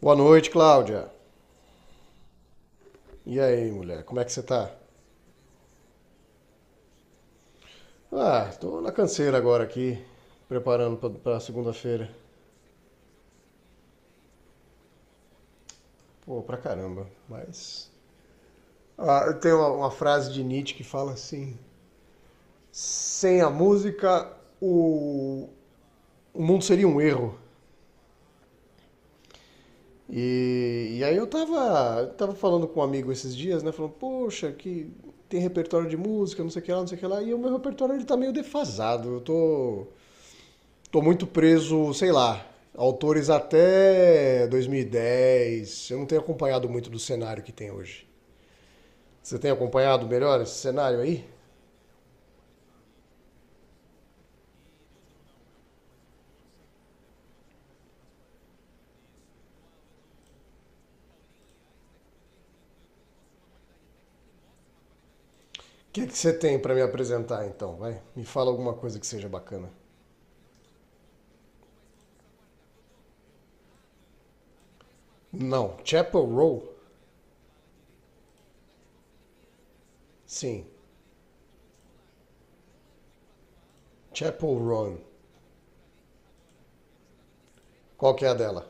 Boa noite, Cláudia. E aí, mulher, como é que você tá? Ah, tô na canseira agora aqui, preparando pra segunda-feira. Pô, pra caramba, mas. Ah, eu tenho uma frase de Nietzsche que fala assim: sem a música, o, o mundo seria um erro. E aí eu tava falando com um amigo esses dias, né? Falando, poxa, que tem repertório de música, não sei o que lá, não sei o que lá. E o meu repertório ele tá meio defasado. Eu tô Tô muito preso, sei lá, autores até 2010. Eu não tenho acompanhado muito do cenário que tem hoje. Você tem acompanhado melhor esse cenário aí? É que você tem para me apresentar então? Vai, me fala alguma coisa que seja bacana. Não, Chapel Row? Sim. Chapel Run. Qual que é a dela?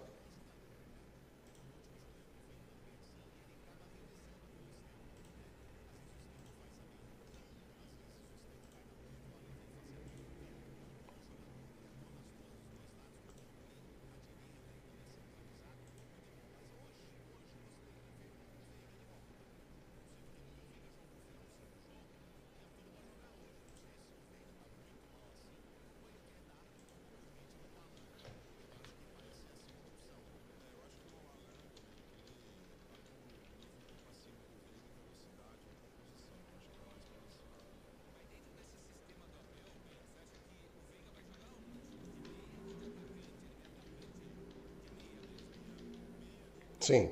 Sim.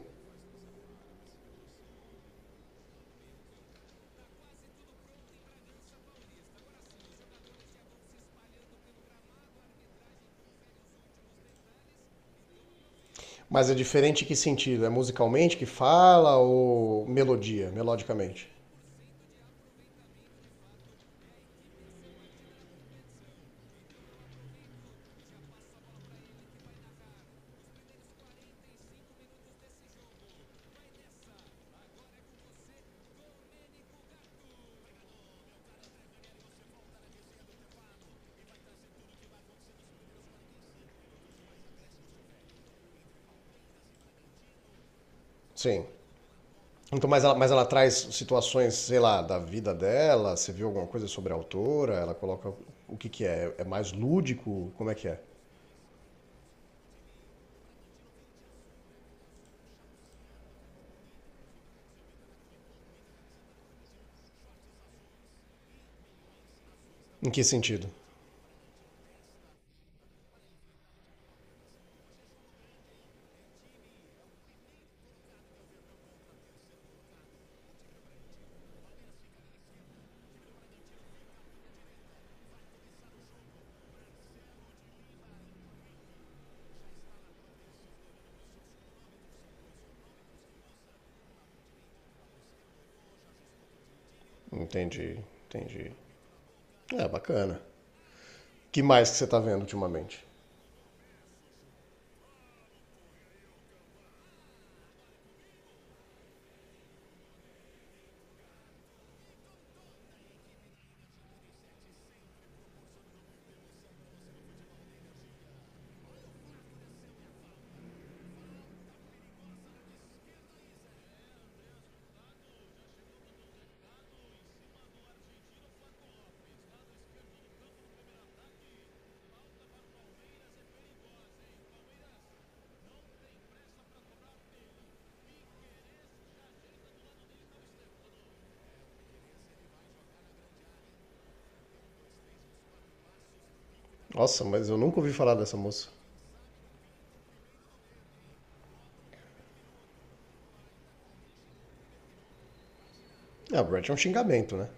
Mas é diferente em que sentido? É musicalmente que fala ou melodia, melodicamente? Sim. Então, mas ela traz situações, sei lá, da vida dela? Você viu alguma coisa sobre a autora? Ela coloca o que que é? É mais lúdico? Como é que é? Em que sentido? Entendi, entendi. É, bacana. Que mais que você tá vendo ultimamente? Nossa, mas eu nunca ouvi falar dessa moça. Ah, Brett é um xingamento, né?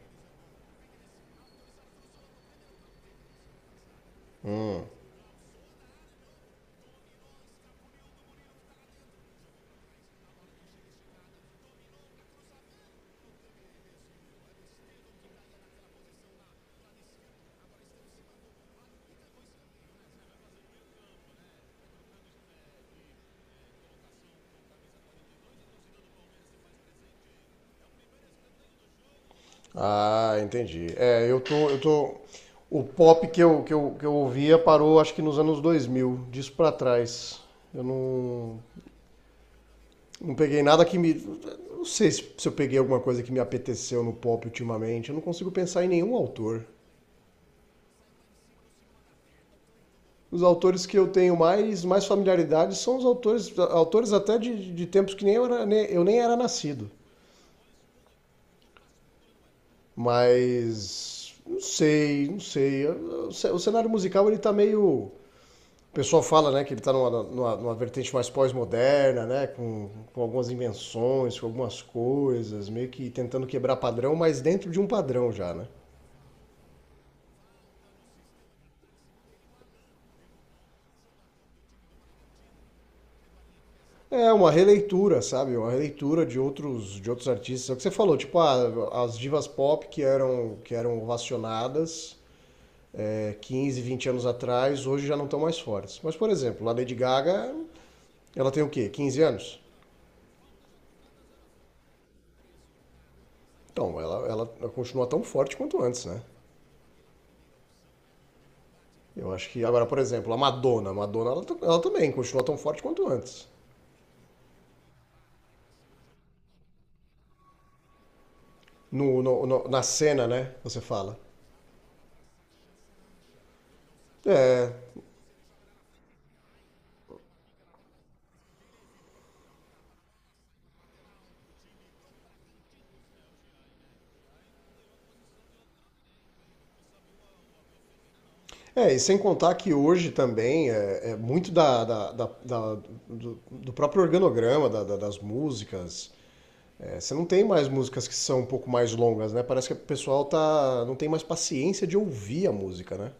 Ah, entendi. Eu tô... O pop que eu, que eu, que eu ouvia parou, acho que nos anos 2000, disso pra trás. Eu não... Não peguei nada que me. Não sei se eu peguei alguma coisa que me apeteceu no pop ultimamente. Eu não consigo pensar em nenhum autor. Os autores que eu tenho mais familiaridade são os autores até de tempos que nem eu, era, eu nem era nascido. Não sei. O cenário musical ele tá meio. O pessoal fala, né, que ele está numa vertente mais pós-moderna, né, com algumas invenções, com algumas coisas, meio que tentando quebrar padrão, mas dentro de um padrão já, né? É uma releitura, sabe? Uma releitura de outros artistas. É o que você falou, tipo, ah, as divas pop que eram ovacionadas 15, 20 anos atrás, hoje já não estão mais fortes. Mas, por exemplo, a Lady Gaga, ela tem o quê? 15 anos? Então, ela continua tão forte quanto antes, né? Eu acho que agora, por exemplo, a Madonna, ela também continua tão forte quanto antes. Na cena, né? Você fala. É, É, e sem contar que hoje também é muito do, do próprio organograma da- das músicas. É, você não tem mais músicas que são um pouco mais longas, né? Parece que o pessoal tá, não tem mais paciência de ouvir a música, né?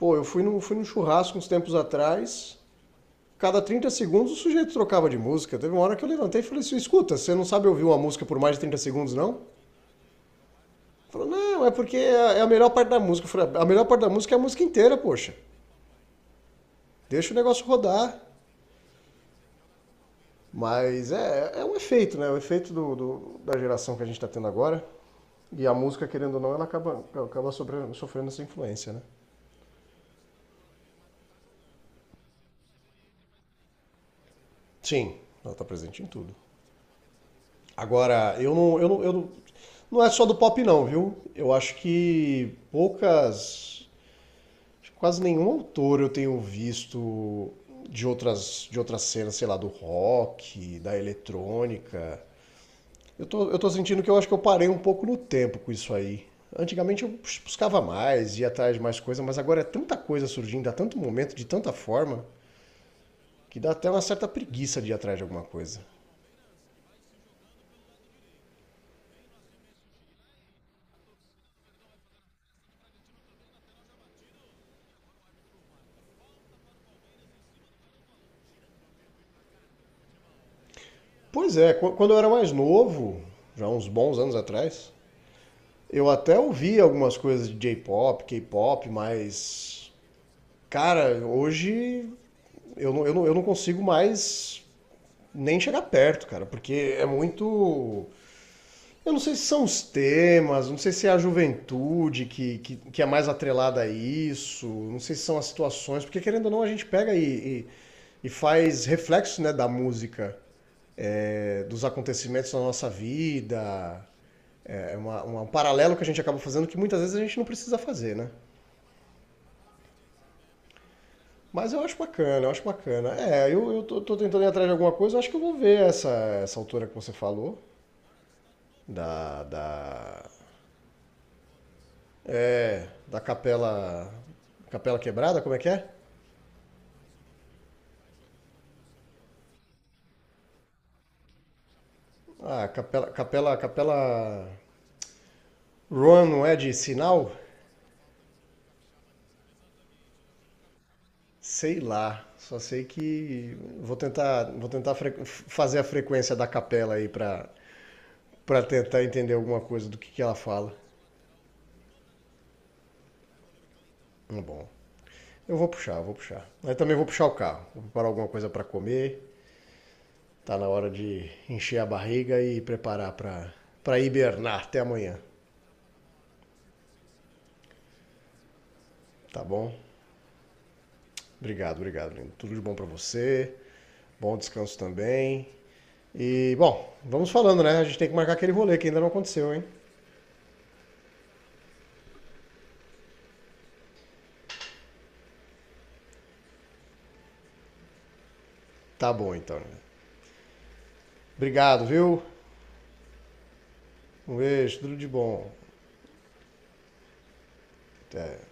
Pô, eu fui num churrasco uns tempos atrás, cada 30 segundos o sujeito trocava de música. Teve uma hora que eu levantei e falei assim: escuta, você não sabe ouvir uma música por mais de 30 segundos, não? Falou, não, é porque é a melhor parte da música. Eu falei, a melhor parte da música é a música inteira, poxa. Deixa o negócio rodar. Mas é um efeito, né? O efeito da geração que a gente está tendo agora. E a música, querendo ou não, acaba sofrendo essa influência, né? Sim, ela tá presente em tudo. Agora, eu não, não é só do pop não, viu? Eu acho que quase nenhum autor eu tenho visto de de outras cenas, sei lá, do rock, da eletrônica. Eu tô sentindo que eu acho que eu parei um pouco no tempo com isso aí. Antigamente eu buscava mais, ia atrás de mais coisa, mas agora é tanta coisa surgindo, há tanto momento, de tanta forma, que dá até uma certa preguiça de ir atrás de alguma coisa. Pois é, quando eu era mais novo, já uns bons anos atrás, eu até ouvia algumas coisas de J-pop, K-pop, mas. Cara, hoje eu não consigo mais nem chegar perto, cara, porque é muito. Eu não sei se são os temas, não sei se é a juventude que é mais atrelada a isso, não sei se são as situações, porque querendo ou não a gente pega e, e faz reflexos né, da música, é, dos acontecimentos da nossa vida. É é um paralelo que a gente acaba fazendo que muitas vezes a gente não precisa fazer, né? Mas eu acho bacana, eu acho bacana. É, eu tô, tô tentando ir atrás de alguma coisa, eu acho que eu vou ver essa autora que você falou, da. É, da capela. Capela quebrada, como é que é? Ah, capela. Capela. Capela. Run não é de sinal? Sei lá. Só sei que vou tentar fazer a frequência da capela aí pra tentar entender alguma coisa que ela fala. Hum. Bom, vou puxar. Aí também vou puxar o carro, vou preparar alguma coisa pra comer. Tá na hora de encher a barriga e preparar pra hibernar até amanhã, tá bom? Obrigado, obrigado, lindo. Tudo de bom pra você. Bom descanso também. E, bom, vamos falando, né? A gente tem que marcar aquele rolê que ainda não aconteceu, hein? Tá bom, então. Obrigado, viu? Um beijo, tudo de bom. Até.